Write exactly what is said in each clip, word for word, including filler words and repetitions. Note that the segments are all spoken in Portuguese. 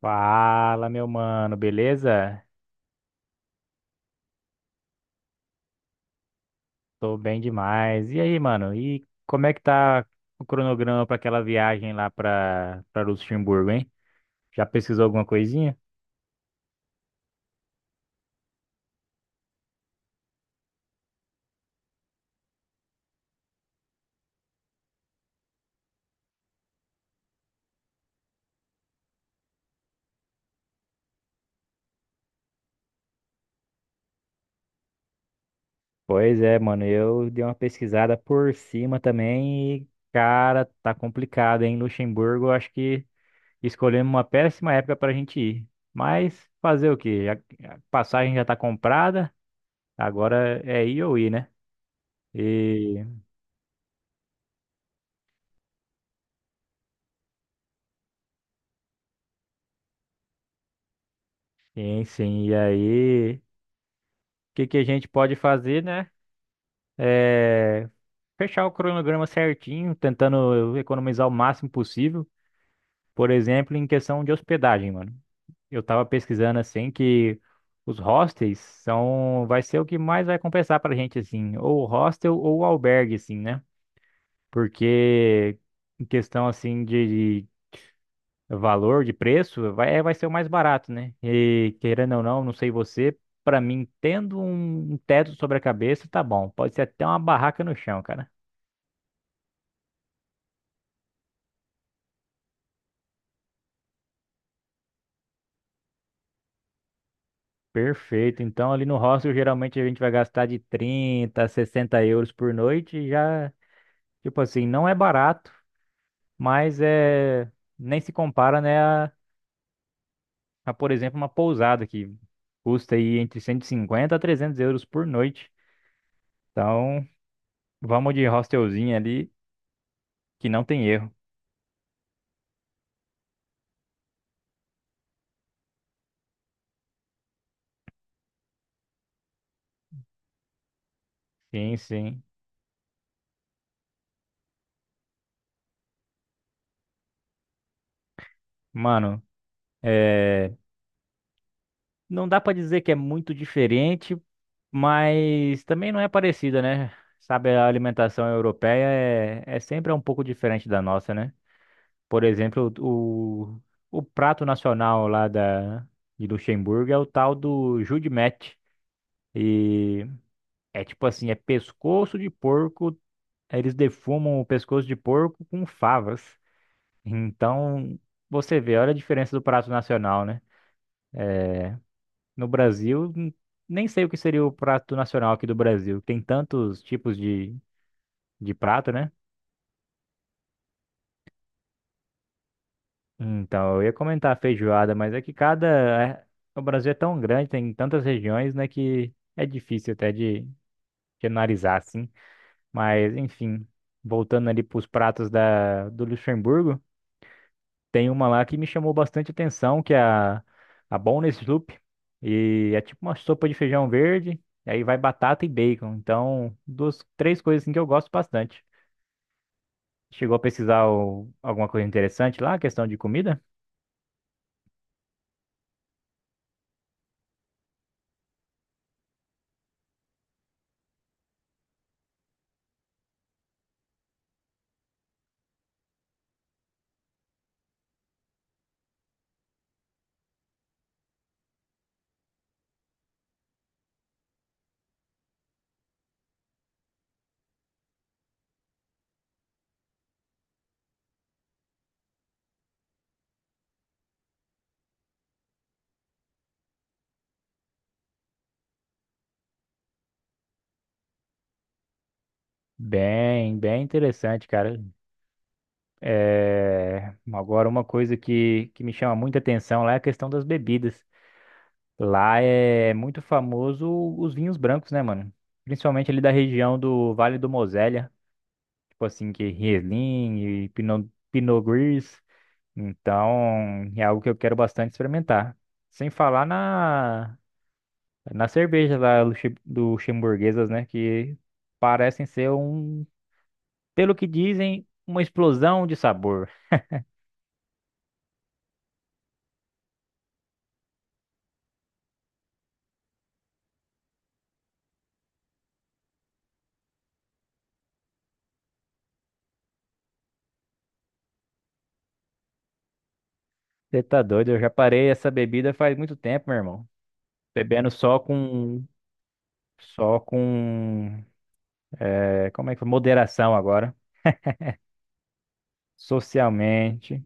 Fala, meu mano, beleza? Tô bem demais. E aí, mano? E como é que tá o cronograma pra aquela viagem lá pra para Luxemburgo, hein? Já pesquisou alguma coisinha? Pois é, mano, eu dei uma pesquisada por cima também e, cara, tá complicado, hein? Luxemburgo, eu acho que escolhemos uma péssima época pra gente ir. Mas fazer o quê? Já- A passagem já tá comprada, agora é ir ou ir, né? E, sim, sim, e aí? que, que a gente pode fazer, né? É fechar o cronograma certinho, tentando economizar o máximo possível. Por exemplo, em questão de hospedagem, mano. Eu tava pesquisando assim que os hostels são, vai ser o que mais vai compensar pra gente, assim, ou hostel ou albergue, assim, né? Porque em questão assim de, valor de preço, vai, é, vai ser o mais barato, né? E querendo ou não, não sei você, pra mim, tendo um um teto sobre a cabeça, tá bom. Pode ser até uma barraca no chão, cara. Perfeito. Então, ali no hostel, geralmente a gente vai gastar de trinta a sessenta euros por noite. e Já, tipo assim, não é barato, mas é nem se compara, né, a, a, por exemplo, uma pousada que custa aí entre cento e cinquenta a trezentos euros por noite. Então, vamos de hostelzinho ali, que não tem erro. Sim, sim. Mano, é... não dá pra dizer que é muito diferente, mas também não é parecida, né? Sabe, a alimentação europeia é, é sempre um pouco diferente da nossa, né? Por exemplo, o, o prato nacional lá da... de Luxemburgo é o tal do Judimete. E é tipo assim, é pescoço de porco, eles defumam o pescoço de porco com favas. Então, você vê, olha a diferença do prato nacional, né? No Brasil, n- nem sei o que seria o prato nacional aqui do Brasil. Tem tantos tipos de, de prato, né? Então, eu ia comentar a feijoada, mas é que cada. é- o Brasil é tão grande, tem tantas regiões, né, que é difícil até de, de analisar, assim. Mas, enfim, voltando ali para os pratos da, do Luxemburgo. Tem uma lá que me chamou bastante atenção, que é a, a Boneless Loop. E é tipo uma sopa de feijão verde, e aí vai batata e bacon. Então, duas, três coisas assim que eu gosto bastante. Chegou a pesquisar o- alguma coisa interessante lá, questão de comida? Bem, bem interessante, cara. É, agora, uma coisa que, que me chama muita atenção lá é a questão das bebidas. Lá é muito famoso os vinhos brancos, né, mano? Principalmente ali da região do Vale do Mosela. Tipo assim, que Riesling e Pinot, Pinot Gris. Então, é algo que eu quero bastante experimentar. Sem falar na, na cerveja lá luxe- luxemburguesas, né? Que parecem ser um, pelo que dizem, uma explosão de sabor. Você tá doido? Eu já parei essa bebida faz muito tempo, meu irmão. Bebendo só com, só com, é, como é que foi? Moderação agora. Socialmente.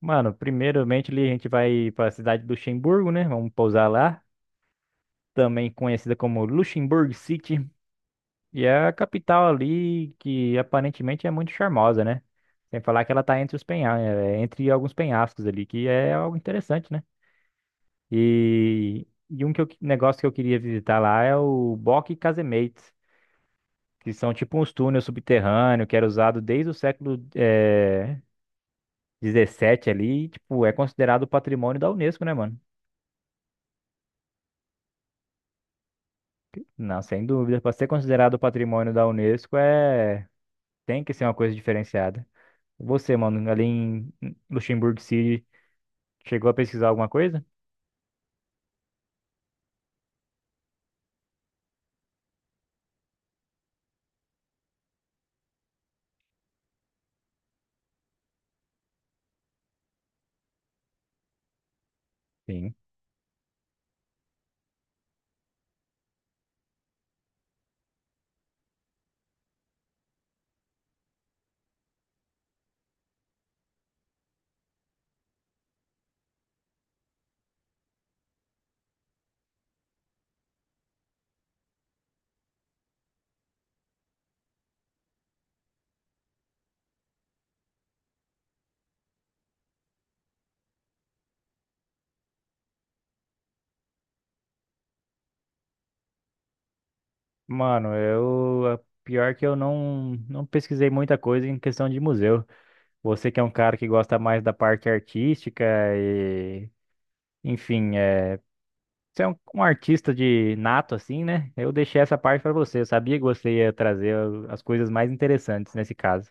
Mano, primeiramente ali a gente vai para a cidade do Luxemburgo, né? Vamos pousar lá, também conhecida como Luxemburgo City, e é a capital ali que aparentemente é muito charmosa, né? Sem falar que ela tá entre os penha eh, entre alguns penhascos ali, que é algo interessante, né? E, e um que eu, negócio que eu queria visitar lá é o Bock Casemates, que são tipo uns túneis subterrâneos que era usado desde o século eh, dezessete ali, e, tipo, é considerado patrimônio da Unesco, né, mano? Não, sem dúvida. Para ser considerado patrimônio da Unesco, é... tem que ser uma coisa diferenciada. Você, mano, ali em Luxemburgo City, chegou a pesquisar alguma coisa? Sim. Mano, eu. a- Pior que eu não, não pesquisei muita coisa em questão de museu. Você que é um cara que gosta mais da parte artística e. Enfim, é. Você é um, um artista de nato, assim, né? Eu deixei essa parte para você. Eu sabia que você ia trazer as coisas mais interessantes nesse caso.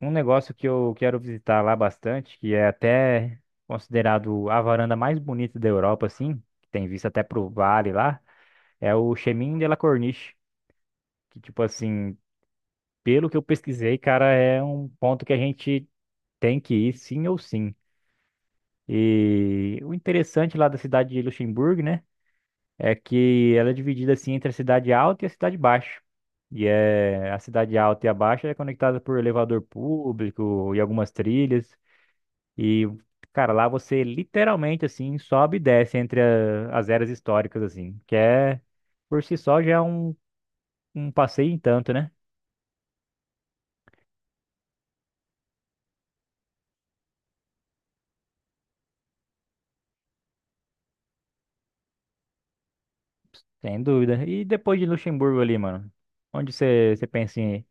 Um negócio que eu quero visitar lá bastante, que é até considerado a varanda mais bonita da Europa, assim, que tem vista até pro vale lá, é o Chemin de la Corniche, que, tipo assim, pelo que eu pesquisei, cara, é um ponto que a gente tem que ir sim ou sim. E o interessante lá da cidade de Luxemburgo, né, é que ela é dividida, assim, entre a cidade alta e a cidade baixa. E é, a cidade alta e a baixa é conectada por elevador público e algumas trilhas. E, cara, lá você literalmente, assim, sobe e desce entre a- as eras históricas, assim, que é, por si só, já é um, um passeio em tanto, né? Sem dúvida. E depois de Luxemburgo ali, mano, onde você você pensa em... ir?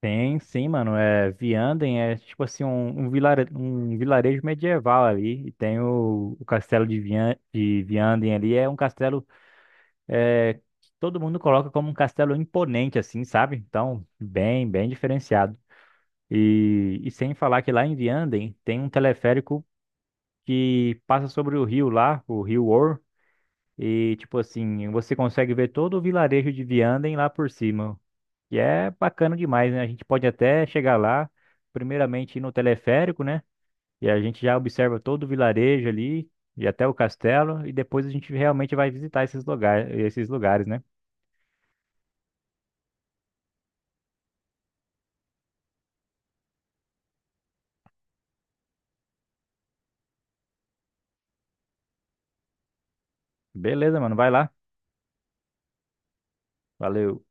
Tem, sim, mano, é Vianden, é tipo assim, um, um, vilare- um vilarejo medieval ali, e tem o, o castelo de, Vian, de Vianden ali, é um castelo é, que todo mundo coloca como um castelo imponente, assim, sabe? Então, bem, bem diferenciado. E, e sem falar que lá em Vianden tem um teleférico que passa sobre o rio lá, o rio Or, e tipo assim, você consegue ver todo o vilarejo de Vianden lá por cima. E é bacana demais, né? A gente pode até chegar lá, primeiramente ir no teleférico, né? E a gente já observa todo o vilarejo ali, e até o castelo, e depois a gente realmente vai visitar esses lugares, esses lugares, né? Beleza, mano, vai lá. Valeu.